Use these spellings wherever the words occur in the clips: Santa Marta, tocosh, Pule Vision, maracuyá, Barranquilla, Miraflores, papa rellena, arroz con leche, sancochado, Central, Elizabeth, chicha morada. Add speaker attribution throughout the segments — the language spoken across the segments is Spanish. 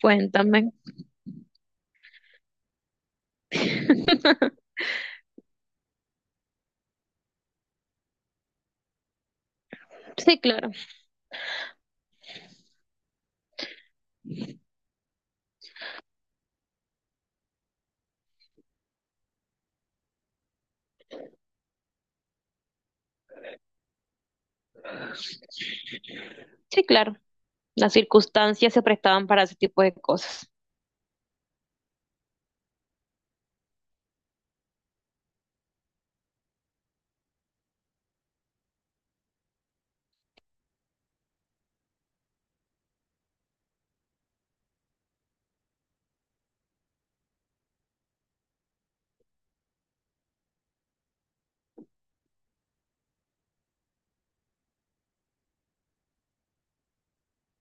Speaker 1: Cuéntame. Sí, claro. Sí, claro. Las circunstancias se prestaban para ese tipo de cosas.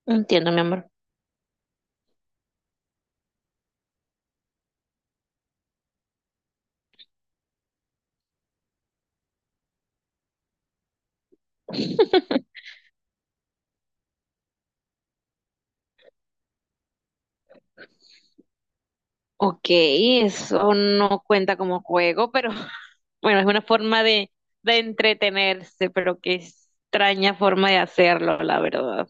Speaker 1: Entiendo, mi amor. Ok, eso no cuenta como juego, pero bueno, es una forma de entretenerse, pero qué extraña forma de hacerlo, la verdad.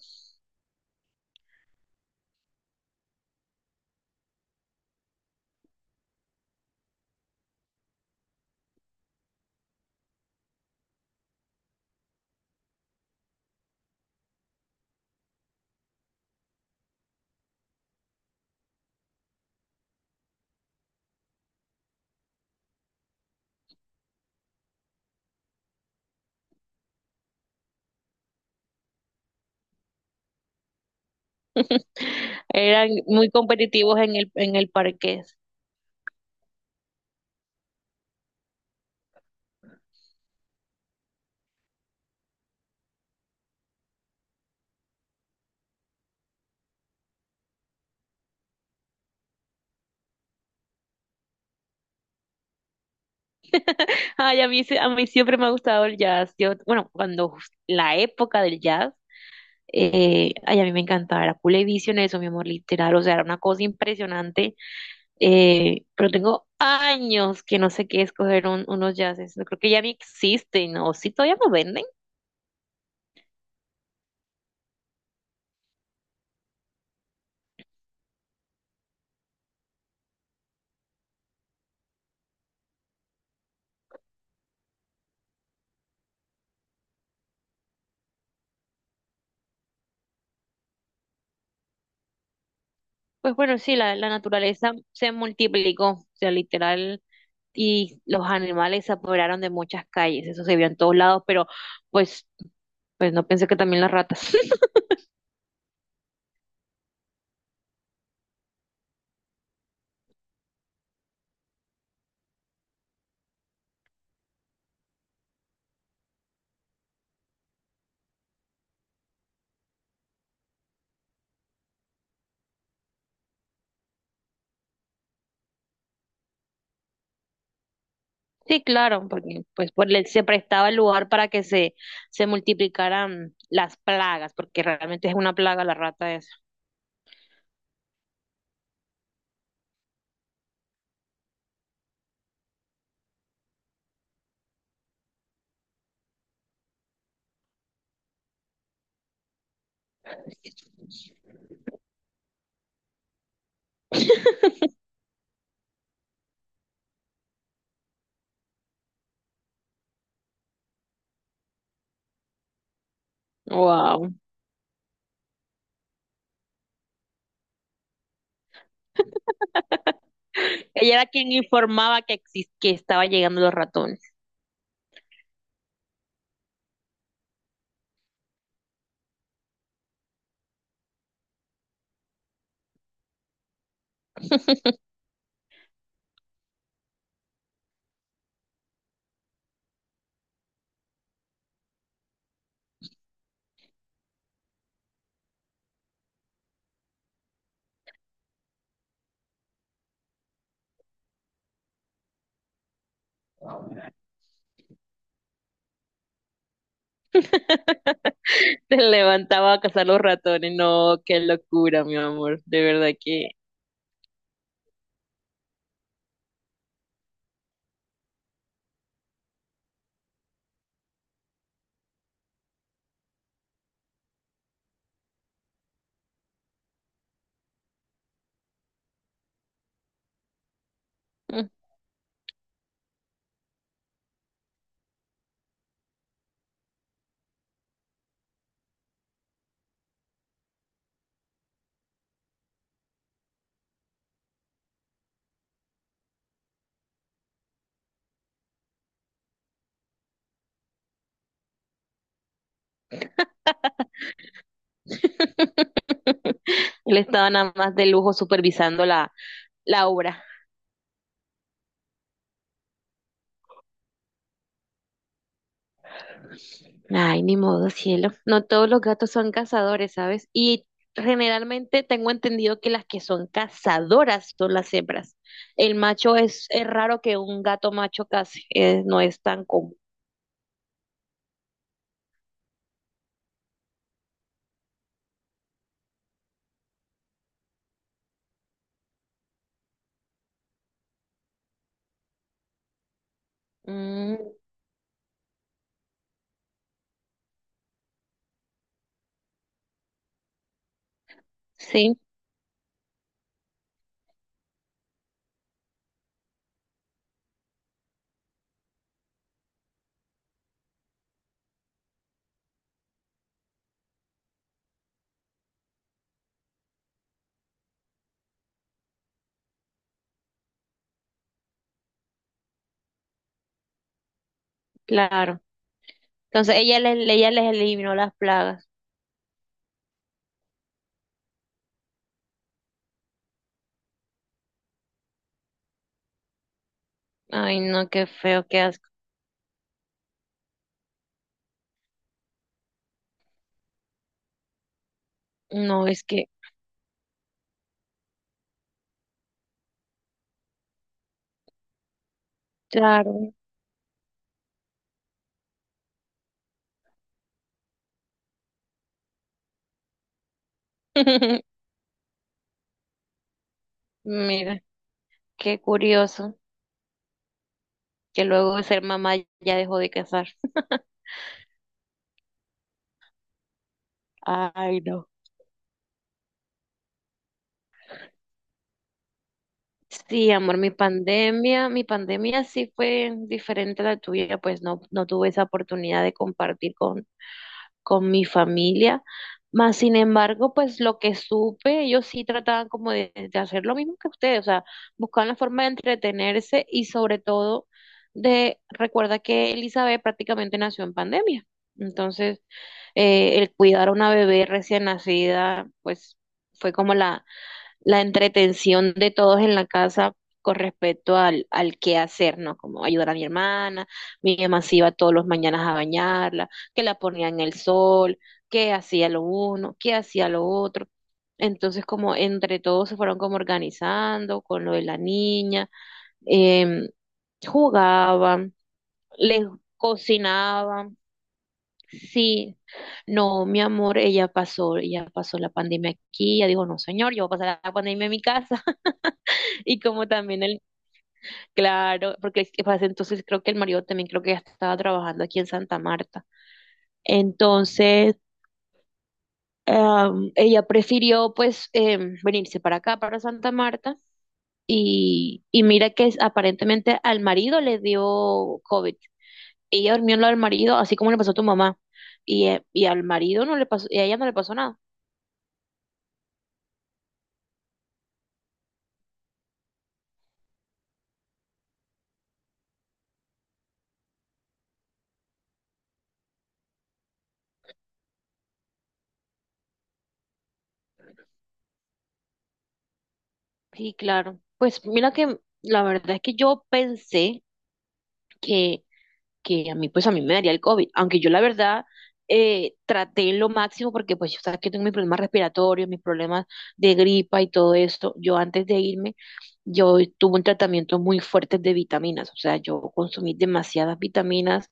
Speaker 1: Eran muy competitivos en el parqués. Ay, a mí, a mí siempre me ha gustado el jazz. Yo, bueno, cuando la época del jazz. Ay, a mí me encantaba, era Pule Vision eso, mi amor, literal, o sea, era una cosa impresionante, pero tengo años que no sé qué escoger unos jazzes, no creo que ya ni existen, o si todavía no venden, pues bueno, sí, la naturaleza se multiplicó, o sea, literal, y los animales se apoderaron de muchas calles, eso se vio en todos lados, pero pues, pues no pensé que también las ratas. Sí, claro, porque pues por se prestaba el lugar para que se multiplicaran las plagas, porque realmente es una plaga la rata esa. Wow. Ella era quien informaba que, que estaba llegando los ratones. Se levantaba a cazar los ratones. No, qué locura, mi amor. De verdad que él estaba nada más de lujo supervisando la obra. Ay, ni modo, cielo. No todos los gatos son cazadores, ¿sabes? Y generalmente tengo entendido que las que son cazadoras son las hembras. El macho es raro que un gato macho case, no es tan común. Mm, sí, claro. Entonces ella les eliminó las plagas. Ay, no, qué feo, qué asco. No, es que, claro. Mira, qué curioso que luego de ser mamá ya dejó de cazar. Ay, no. Sí, amor, mi pandemia sí fue diferente a la tuya, pues no, no tuve esa oportunidad de compartir con mi familia. Más sin embargo, pues lo que supe, ellos sí trataban como de hacer lo mismo que ustedes, o sea, buscaban la forma de entretenerse y sobre todo de, recuerda que Elizabeth prácticamente nació en pandemia. Entonces, el cuidar a una bebé recién nacida, pues fue como la entretención de todos en la casa con respecto al, al qué hacer, ¿no? Como ayudar a mi hermana, mi mamá se iba todos los mañanas a bañarla, que la ponía en el sol, que hacía lo uno, que hacía lo otro. Entonces, como entre todos se fueron como organizando con lo de la niña, em, jugaban, les cocinaban, sí. No, mi amor, ella pasó la pandemia aquí, ella dijo, no, señor, yo voy a pasar la pandemia en mi casa. Y como también el, claro, porque es que pasa, entonces creo que el marido también creo que ya estaba trabajando aquí en Santa Marta. Entonces, ella prefirió pues venirse para acá, para Santa Marta. Y mira que aparentemente al marido le dio COVID. Ella durmió en lo del marido, así como le pasó a tu mamá. Y al marido no le pasó, y a ella no le pasó nada. Sí, claro. Pues mira que la verdad es que yo pensé que que a mí, pues a mí me daría el COVID, aunque yo la verdad traté lo máximo porque pues yo sabes que tengo mis problemas respiratorios, mis problemas de gripa y todo esto. Yo antes de irme, yo tuve un tratamiento muy fuerte de vitaminas, o sea, yo consumí demasiadas vitaminas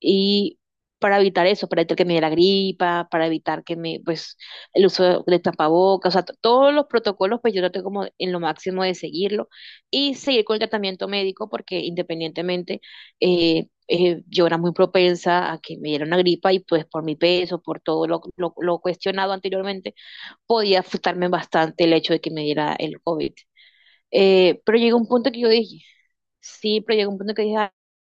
Speaker 1: y para evitar eso, para evitar que me dé la gripa, para evitar que me, pues, el uso de tapabocas, o sea, todos los protocolos, pues yo traté como en lo máximo de seguirlo y seguir con el tratamiento médico porque independientemente yo era muy propensa a que me diera una gripa y pues por mi peso, por todo lo cuestionado anteriormente, podía afectarme bastante el hecho de que me diera el COVID. Pero llegó un punto que yo dije, sí, pero llegó un punto que dije,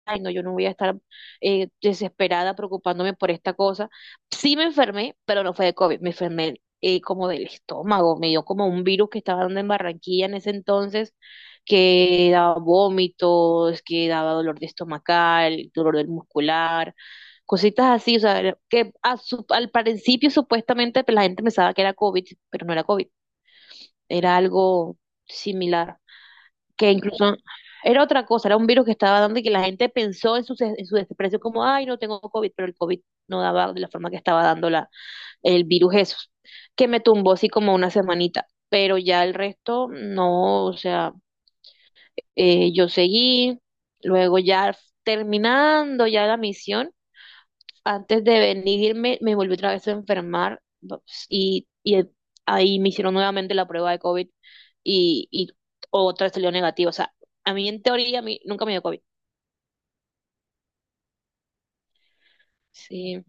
Speaker 1: ay, no, yo no voy a estar desesperada preocupándome por esta cosa. Sí me enfermé, pero no fue de COVID, me enfermé como del estómago, me dio como un virus que estaba dando en Barranquilla en ese entonces, que daba vómitos, que daba dolor de estomacal, dolor del muscular, cositas así, o sea, que a al principio supuestamente pues, la gente pensaba que era COVID, pero no era COVID, era algo similar que incluso era otra cosa, era un virus que estaba dando y que la gente pensó en su, en su desprecio como, ay, no tengo COVID, pero el COVID no daba de la forma que estaba dando la, el virus eso, que me tumbó así como una semanita, pero ya el resto no, o sea, yo seguí, luego ya terminando ya la misión, antes de venirme, me volví otra vez a enfermar no, pues, y, ahí me hicieron nuevamente la prueba de COVID y otra vez salió negativa. O sea, a mí en teoría a mí nunca me dio COVID. Sí,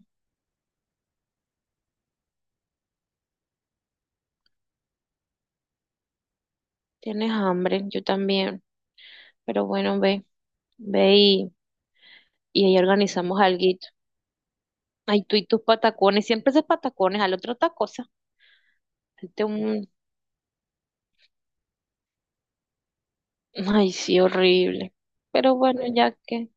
Speaker 1: tienes hambre, yo también. Pero bueno, ve, ve y ahí organizamos alguito. Ay, tú y tus patacones, siempre haces patacones, al otro otra cosa. Este un... Ay, sí, horrible. Pero bueno, ya que...